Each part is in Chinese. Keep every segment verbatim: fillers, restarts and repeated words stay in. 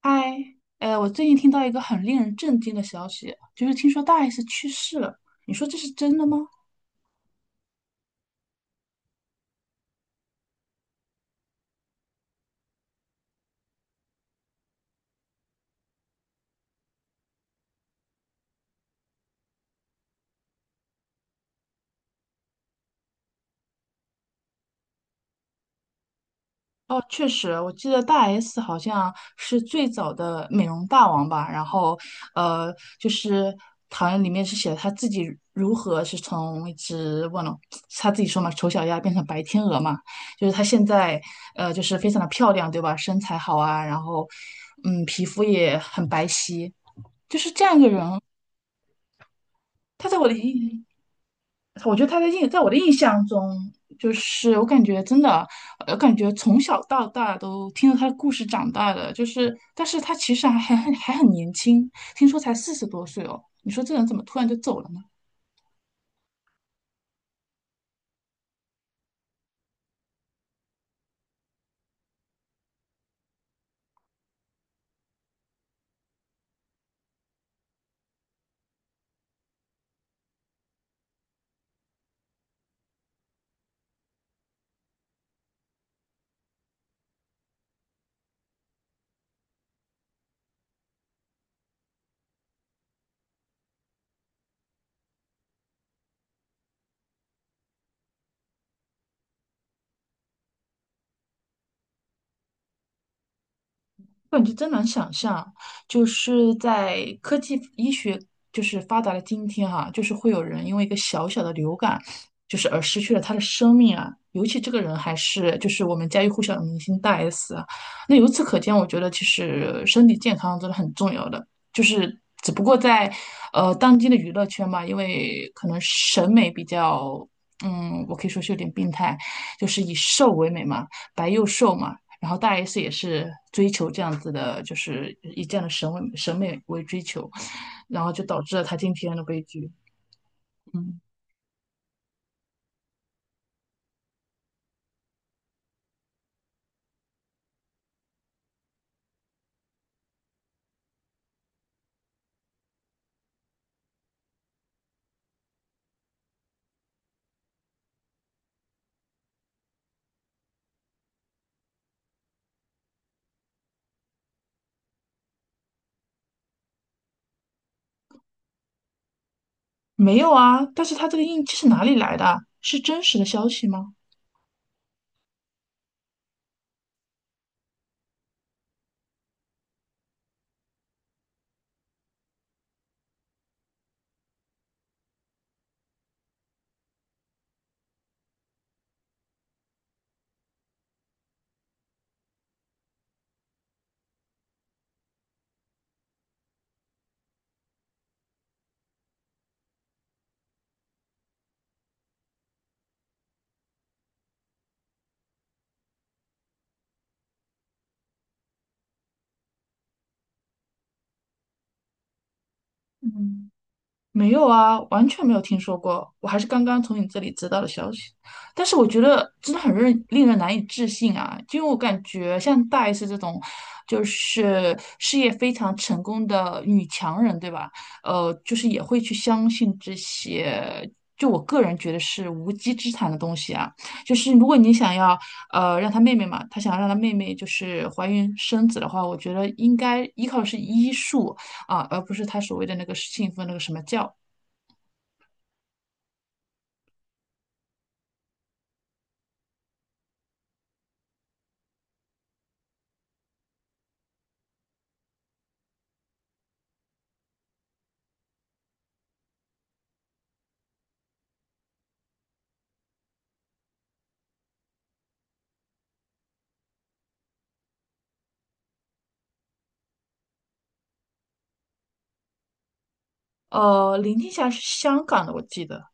嗨，呃，我最近听到一个很令人震惊的消息，就是听说大 S 去世了。你说这是真的吗？哦，确实，我记得大 S 好像是最早的美容大王吧。然后，呃，就是好像里面是写了他自己如何是从一只忘了是他 自己说嘛，丑小鸭变成白天鹅嘛。就是她现在，呃，就是非常的漂亮，对吧？身材好啊，然后，嗯，皮肤也很白皙，就是这样一个人。他在我的印我觉得他的印，在我的印象中，就是我感觉真的，我感觉从小到大都听着他的故事长大的，就是，但是他其实还还很还很年轻，听说才四十多岁哦。你说这人怎么突然就走了呢？我感觉真难想象，就是在科技医学就是发达的今天哈、就是会有人因为一个小小的流感，就是而失去了他的生命啊。尤其这个人还是就是我们家喻户晓的明星大 S 啊。那由此可见，我觉得其实身体健康真的很重要的，就是只不过在呃当今的娱乐圈嘛，因为可能审美比较，嗯，我可以说是有点病态，就是以瘦为美嘛，白又瘦嘛。然后大 S 也是追求这样子的，就是以这样的审美审美为追求，然后就导致了她今天的悲剧。嗯，没有啊，但是她这个印记是哪里来的啊？是真实的消息吗？嗯。没有啊，完全没有听说过，我还是刚刚从你这里知道的消息。但是我觉得真的很令令人难以置信啊，就因为我感觉像大 S 这种，就是事业非常成功的女强人，对吧？呃，就是也会去相信这些，就我个人觉得是无稽之谈的东西啊。就是如果你想要，呃，让她妹妹嘛，她想要让她妹妹就是怀孕生子的话，我觉得应该依靠的是医术，啊，而不是他所谓的那个信奉那个什么教。呃，林青霞是香港的，我记得。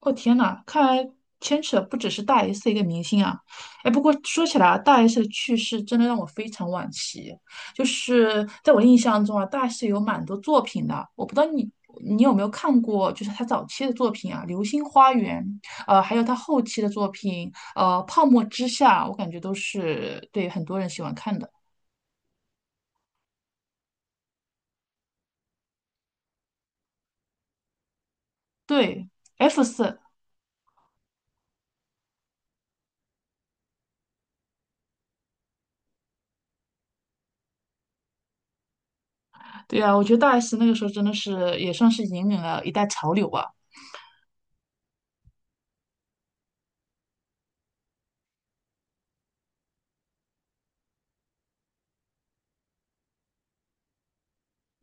哦天呐，看来牵扯不只是大 S 的一个明星啊。哎，不过说起来啊，大 S 的去世真的让我非常惋惜。就是在我印象中啊，大 S 有蛮多作品的，我不知道你你有没有看过，就是她早期的作品啊，《流星花园》，呃，还有她后期的作品，呃，《泡沫之夏》，我感觉都是对很多人喜欢看的。对，F 四。对啊，我觉得大 S 那个时候真的是也算是引领了一代潮流吧。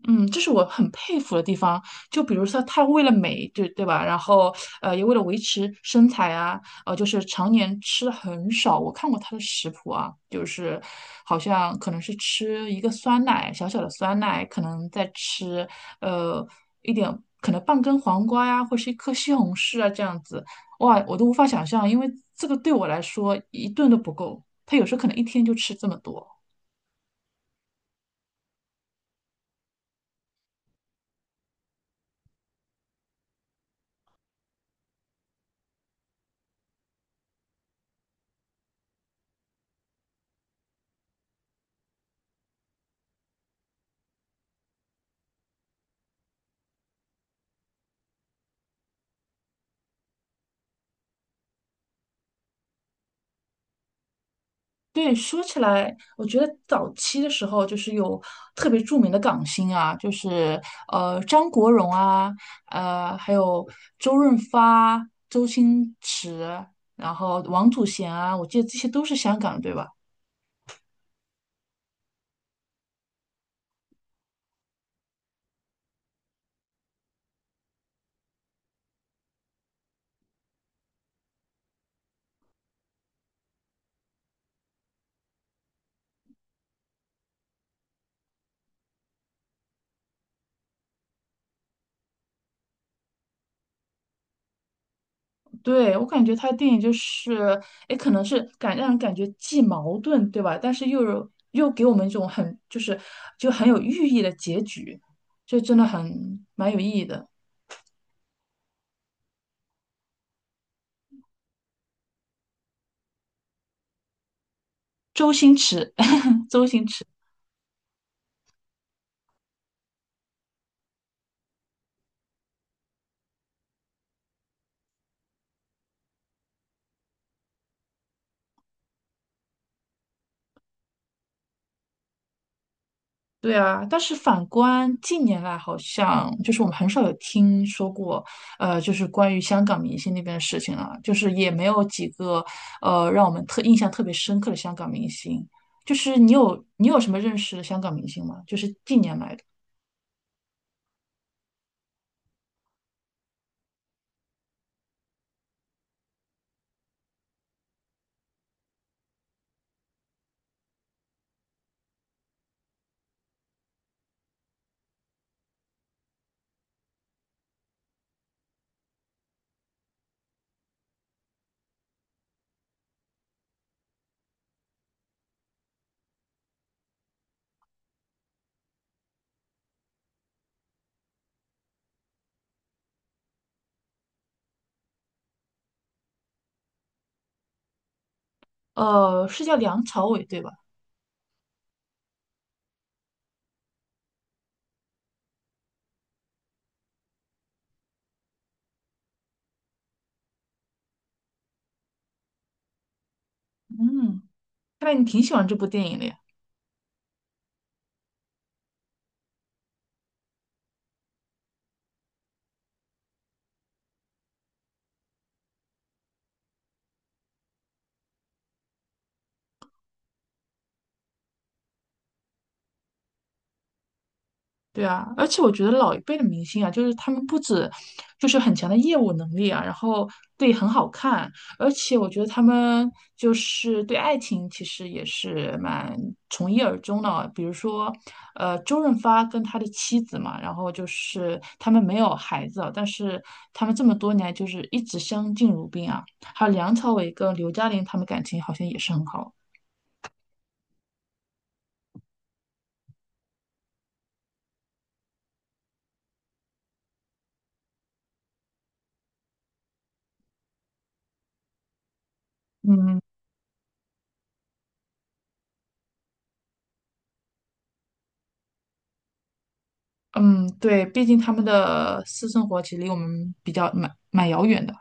嗯，这是我很佩服的地方。就比如说，她为了美，对对吧？然后，呃，也为了维持身材啊，呃，就是常年吃的很少。我看过她的食谱啊，就是好像可能是吃一个酸奶，小小的酸奶，可能再吃呃一点，可能半根黄瓜呀，或是一颗西红柿啊，这样子。哇，我都无法想象，因为这个对我来说一顿都不够。她有时候可能一天就吃这么多。对，说起来，我觉得早期的时候就是有特别著名的港星啊，就是呃张国荣啊，呃还有周润发、周星驰，然后王祖贤啊，我记得这些都是香港的，对吧？对，我感觉他的电影就是，哎，可能是感让人感觉既矛盾，对吧？但是又有又给我们一种很就是就很有寓意的结局，就真的很蛮有意义的。周星驰，周星驰，对啊，但是反观近年来，好像就是我们很少有听说过，呃，就是关于香港明星那边的事情了，就是也没有几个，呃，让我们特印象特别深刻的香港明星。就是你有你有什么认识的香港明星吗？就是近年来的，呃，是叫梁朝伟对吧？嗯，看来你挺喜欢这部电影的呀。对啊，而且我觉得老一辈的明星啊，就是他们不止就是很强的业务能力啊，然后对很好看，而且我觉得他们就是对爱情其实也是蛮从一而终的啊。比如说，呃，周润发跟他的妻子嘛，然后就是他们没有孩子啊，但是他们这么多年来就是一直相敬如宾啊。还有梁朝伟跟刘嘉玲，他们感情好像也是很好。嗯。嗯，对，毕竟他们的私生活其实离我们比较蛮蛮遥远的。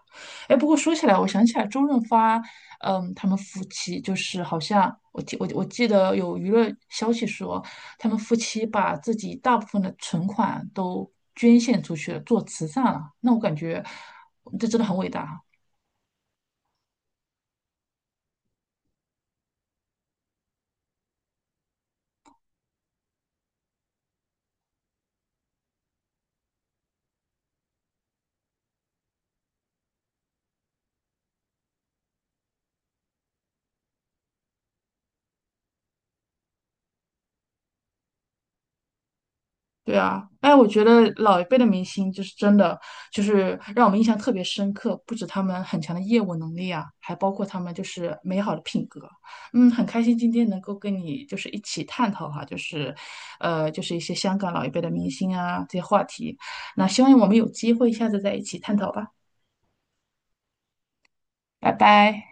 哎，不过说起来，我想起来周润发，嗯，他们夫妻就是好像我记我我记得有娱乐消息说，他们夫妻把自己大部分的存款都捐献出去了，做慈善了。那我感觉这真的很伟大。对啊，哎，我觉得老一辈的明星就是真的，就是让我们印象特别深刻。不止他们很强的业务能力啊，还包括他们就是美好的品格。嗯，很开心今天能够跟你就是一起探讨哈，就是，呃，就是一些香港老一辈的明星啊这些话题。那希望我们有机会下次再一起探讨吧，拜拜。